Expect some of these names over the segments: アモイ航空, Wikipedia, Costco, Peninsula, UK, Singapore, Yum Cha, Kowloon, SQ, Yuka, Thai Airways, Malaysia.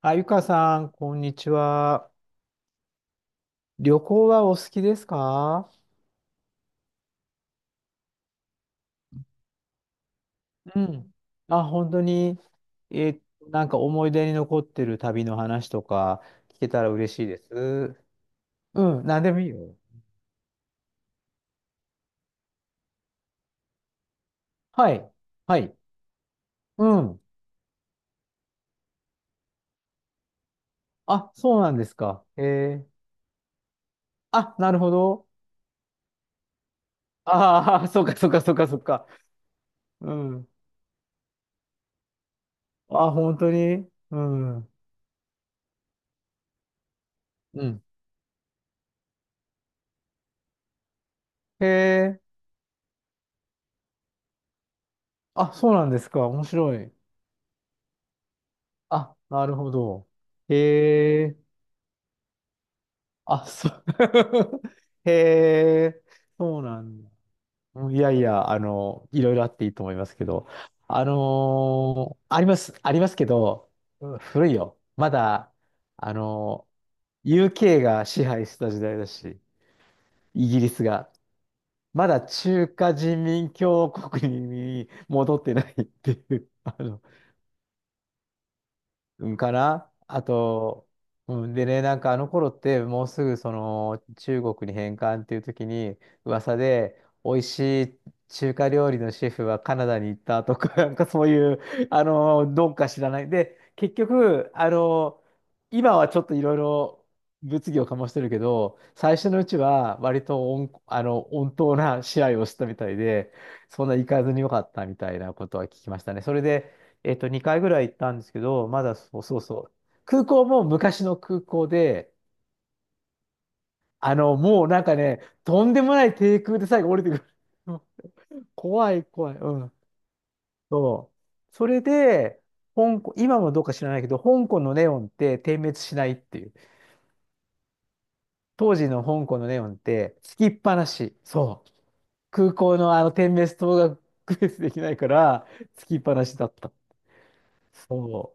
あ、ゆかさん、こんにちは。旅行はお好きですか？うん。あ、本当に、えーなんか思い出に残ってる旅の話とか聞けたら嬉しいです。うん、なんでもいいよ。はい。はい。うん。あ、そうなんですか。ー、あ、なるほど。ああ、そうか、そうか、そうか、そうか。うん。あ、本当に、うん。うん。へえ。あ、そうなんですか。面白い。あ、なるほど。へえ。あ、そう。へえ、そうなんだ。うん、いやいや、いろいろあっていいと思いますけど、あります、ありますけど、うん、古いよ。まだ、あのー UK が支配してた時代だし、イギリスが。まだ中華人民共和国に戻ってないっていう、うんかな。あと、うん、でね、なんかあの頃ってもうすぐその中国に返還っていう時に噂で美味しい中華料理のシェフはカナダに行ったとか、なんかそういう、どうか知らない。で、結局、今はちょっといろいろ物議を醸してるけど、最初のうちは割と温、あの、温当な試合をしたみたいで、そんな行かずによかったみたいなことは聞きましたね。それで2回ぐらい行ったんですけど、まだそうそうそう。空港も昔の空港で、もうなんかね、とんでもない低空で最後降りてくる。うん、怖い、怖い。うん。そう。それで、香港、今もどうか知らないけど、香港のネオンって点滅しないっていう。当時の香港のネオンってつきっぱなし。そう。空港のあの点滅灯が区別できないから、つきっぱなしだった。そ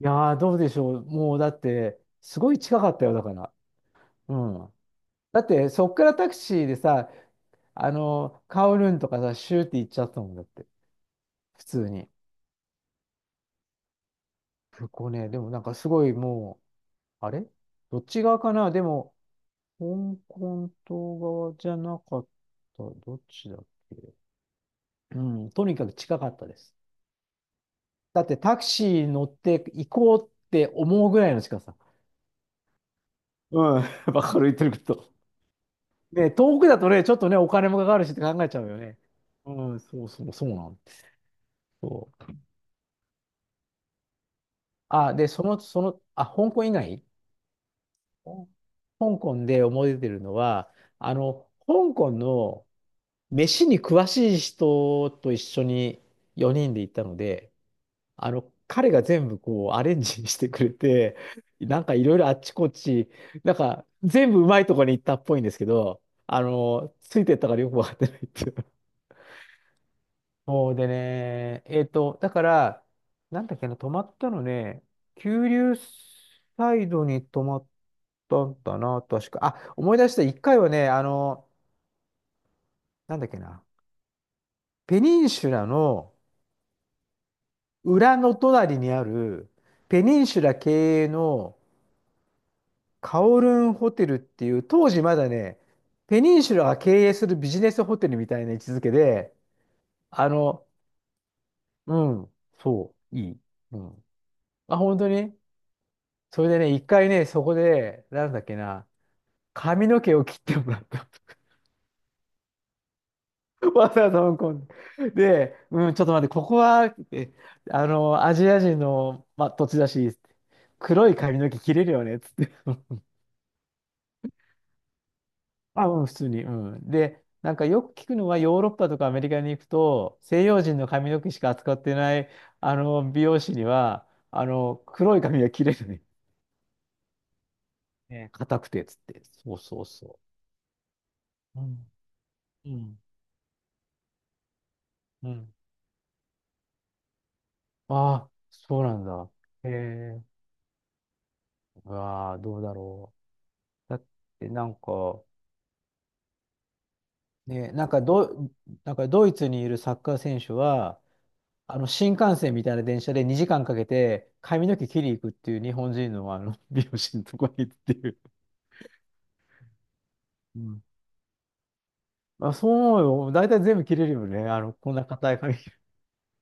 う。いやー、どうでしょう。もうだって、すごい近かったよ、だから。うん。だって、そっからタクシーでさ、カオルンとかさ、シューって行っちゃったもんだって。普通に。そこね、でもなんかすごい、もう、あれ、どっち側かな？でも、香港島側じゃなかった。どっちだっけ？うん、とにかく近かったです。だってタクシー乗って行こうって思うぐらいの近さ。うん、わかる、言ってること。ね、遠くだとね、ちょっとね、お金もかかるしって考えちゃうよね。うん、そうそう、そうなんです。そう。あ、で、その、あ、香港以外。お香港で思い出てるのは、香港の飯に詳しい人と一緒に4人で行ったので、彼が全部こうアレンジしてくれて、なんかいろいろあっちこっち、なんか全部うまいところに行ったっぽいんですけど、ついてったからよくわかってないっていう。そうでね、だから、なんだっけな、泊まったのね、九龍サイドに泊まっだったな、確か。あ、思い出した、一回はね、なんだっけな、ペニンシュラの裏の隣にある、ペニンシュラ経営のカオルンホテルっていう、当時まだね、ペニンシュラが経営するビジネスホテルみたいな位置づけで、あの、うん、そう、いい。うん。あ、本当に。それでね、一回ね、そこで、なんだっけな、髪の毛を切ってもらった。わざわざ香港で。うん、ちょっと待って、ここは、ってアジア人の、まあ、土地だし、黒い髪の毛切れるよね、つって。あ、うん、普通に。うん。で、なんかよく聞くのは、ヨーロッパとかアメリカに行くと、西洋人の髪の毛しか扱ってない、美容師には、黒い髪が切れるね。ね、硬くて、つって。そうそうそう。うん、うん、うん。ああ、そうなんだ。へえ。うわあ、どうだろう。だって、なんか、ね、なんかドイツにいるサッカー選手は、新幹線みたいな電車で2時間かけて髪の毛切り行くっていう日本人の、美容師のとこに行くっていう。うん。あ、そう思うよ。大体全部切れるよね。こんな硬い髪。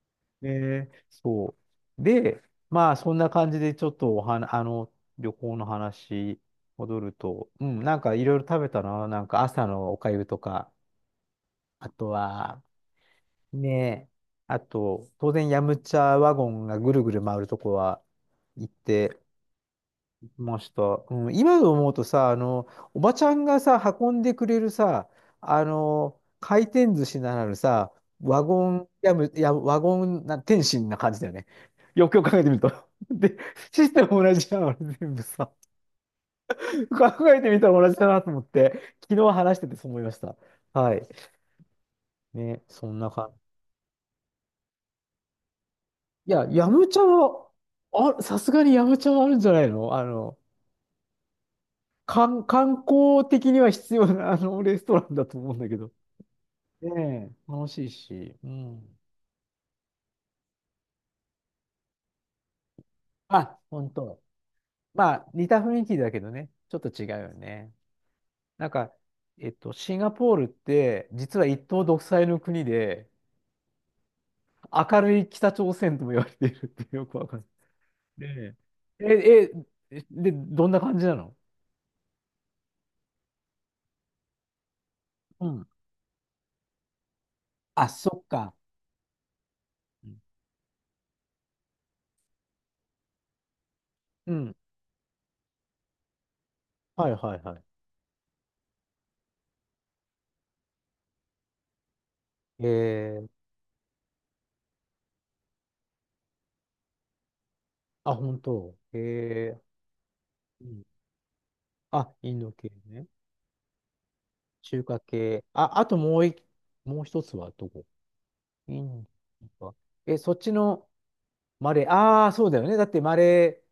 ね、そう。で、まあそんな感じでちょっとおはな、あの、旅行の話戻ると、うん、なんかいろいろ食べたな。なんか朝のおかゆとか、あとは、ねえ。あと、当然、ヤムチャワゴンがぐるぐる回るとこは行ってました。うん、今思うとさ、おばちゃんがさ、運んでくれるさ、回転寿司ならぬさ、ワゴンな、天津な感じだよね。よくよく考えてみると。で、システム同じじゃん、あれ全部さ。考えてみたら同じだなと思って、昨日話しててそう思いました。はい。ね、そんな感じ。いや、ヤムチャは、あ、さすがにヤムチャはあるんじゃないの？観光的には必要な、レストランだと思うんだけど。ねえ、楽しいし。うん。あ、本当。まあ、似た雰囲気だけどね、ちょっと違うよね。なんか、シンガポールって、実は一党独裁の国で、明るい北朝鮮とも言われているってよくわかる。ねええ、で、どんな感じなの？うん。あ、そっか。うん。うん、はいはいはい。えー、あ、本当。えー、うん。あ、インド系ね。中華系。あ、あと、もう一つはどこ？インドか。え、そっちの？マレー、ああ、そうだよね。だってマレ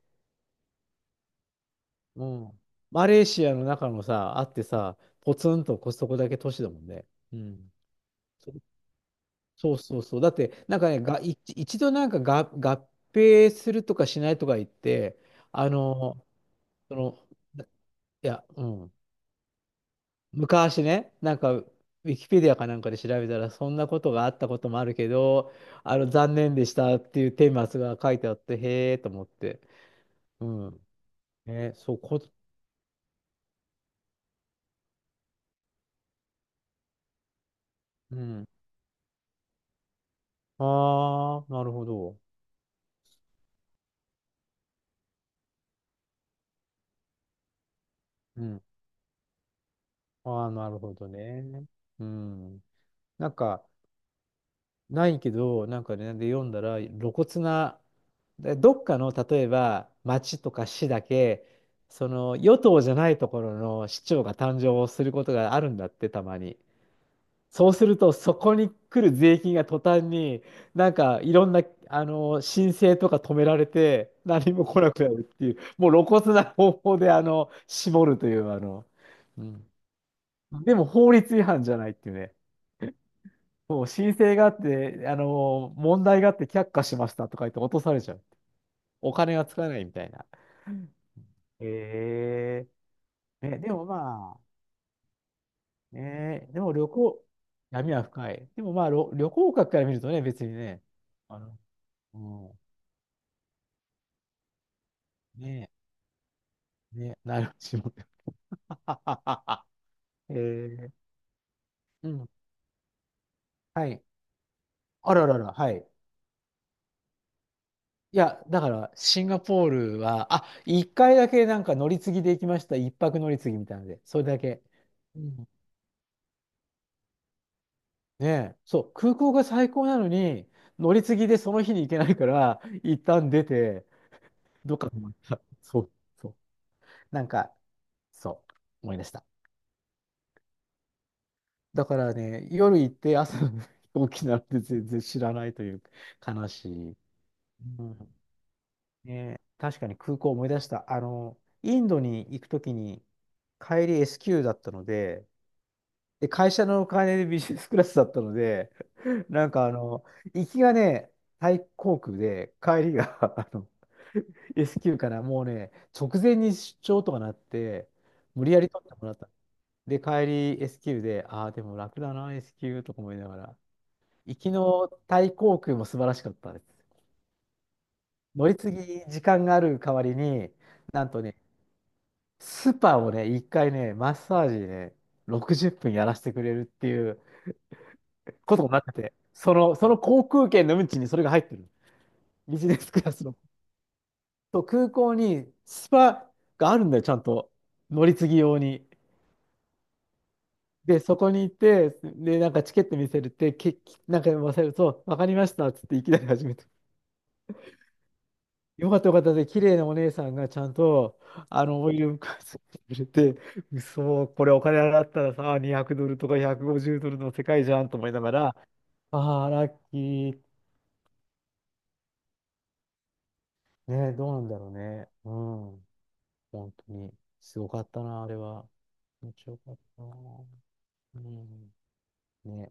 ー、うん。マレーシアの中のさ、あってさ、ポツンとコストコだけ都市だもんね。うん。そそうそうそう。だって、なんかね、一度なんかが合併するとかしないとか言って、あの、その、いや、うん。昔ね、なんか、ウィキペディアかなんかで調べたら、そんなことがあったこともあるけど、残念でしたっていう顛末が書いてあって、へえと思って。うん。ね、そこ、うん。ああ、なるほど。うん。ああ、なるほどね。うん。なんか、ないけど、なんかね、で読んだら、露骨な、でどっかの、例えば、町とか市だけ、その、与党じゃないところの市長が誕生することがあるんだって、たまに。そうすると、そこに来る税金が途端に、なんかいろんな、申請とか止められて、何も来なくなるっていう、もう露骨な方法で、絞るという、うん。でも法律違反じゃないっていうね。だって、問題があって却下しましたとか言って落とされちゃう。お金がつかないみたいな。えーね、でもまあ、ね、でも旅行、闇は深い。でもまあ、旅行客から見るとね、別にね、あの、うん、ねね、なるしも。えー、うん。はい。あららら、はい。いや、だから、シンガポールは、あ、一回だけなんか乗り継ぎで行きました。一泊乗り継ぎみたいなので、それだけ。うん、ねえ、そう、空港が最高なのに、乗り継ぎでその日に行けないから、一旦出て、どっか泊まった。そう、そう。なんか、そう、思い出した。だからね、夜行って朝の飛行機なんて全然知らないという悲しい。うん、ね、確かに空港を思い出した。インドに行くときに、帰り S q だったので、で、会社のお金でビジネスクラスだったので、なんか行きがね、タイ航空で、帰りが S q からもうね、直前に出張とかなって、無理やり取ってもらった。で、帰り S q で、ああ、でも楽だな、S q とか思いながら。行きのタイ航空も素晴らしかったです。乗り継ぎ時間がある代わりに、なんとね、スパをね、一回ね、マッサージね、60分やらせてくれるっていうことになってて、その航空券の運賃にそれが入ってる。ビジネスクラスの。そう、空港にスパがあるんだよ、ちゃんと。乗り継ぎ用に。で、そこに行って、で、なんかチケット見せるって、なんか忘れると、わかりましたっつっていきなり始めて、よかった、よかった、で、綺麗なお姉さんがちゃんと、オイル浮かせてくれて、嘘、これお金払ったらさ、200ドルとか150ドルの世界じゃんと思いながら、ああ、ラッキー。ね、どうなんだろうね。うん。本当に。すごかったな、あれは。気持ちよかったな。うん。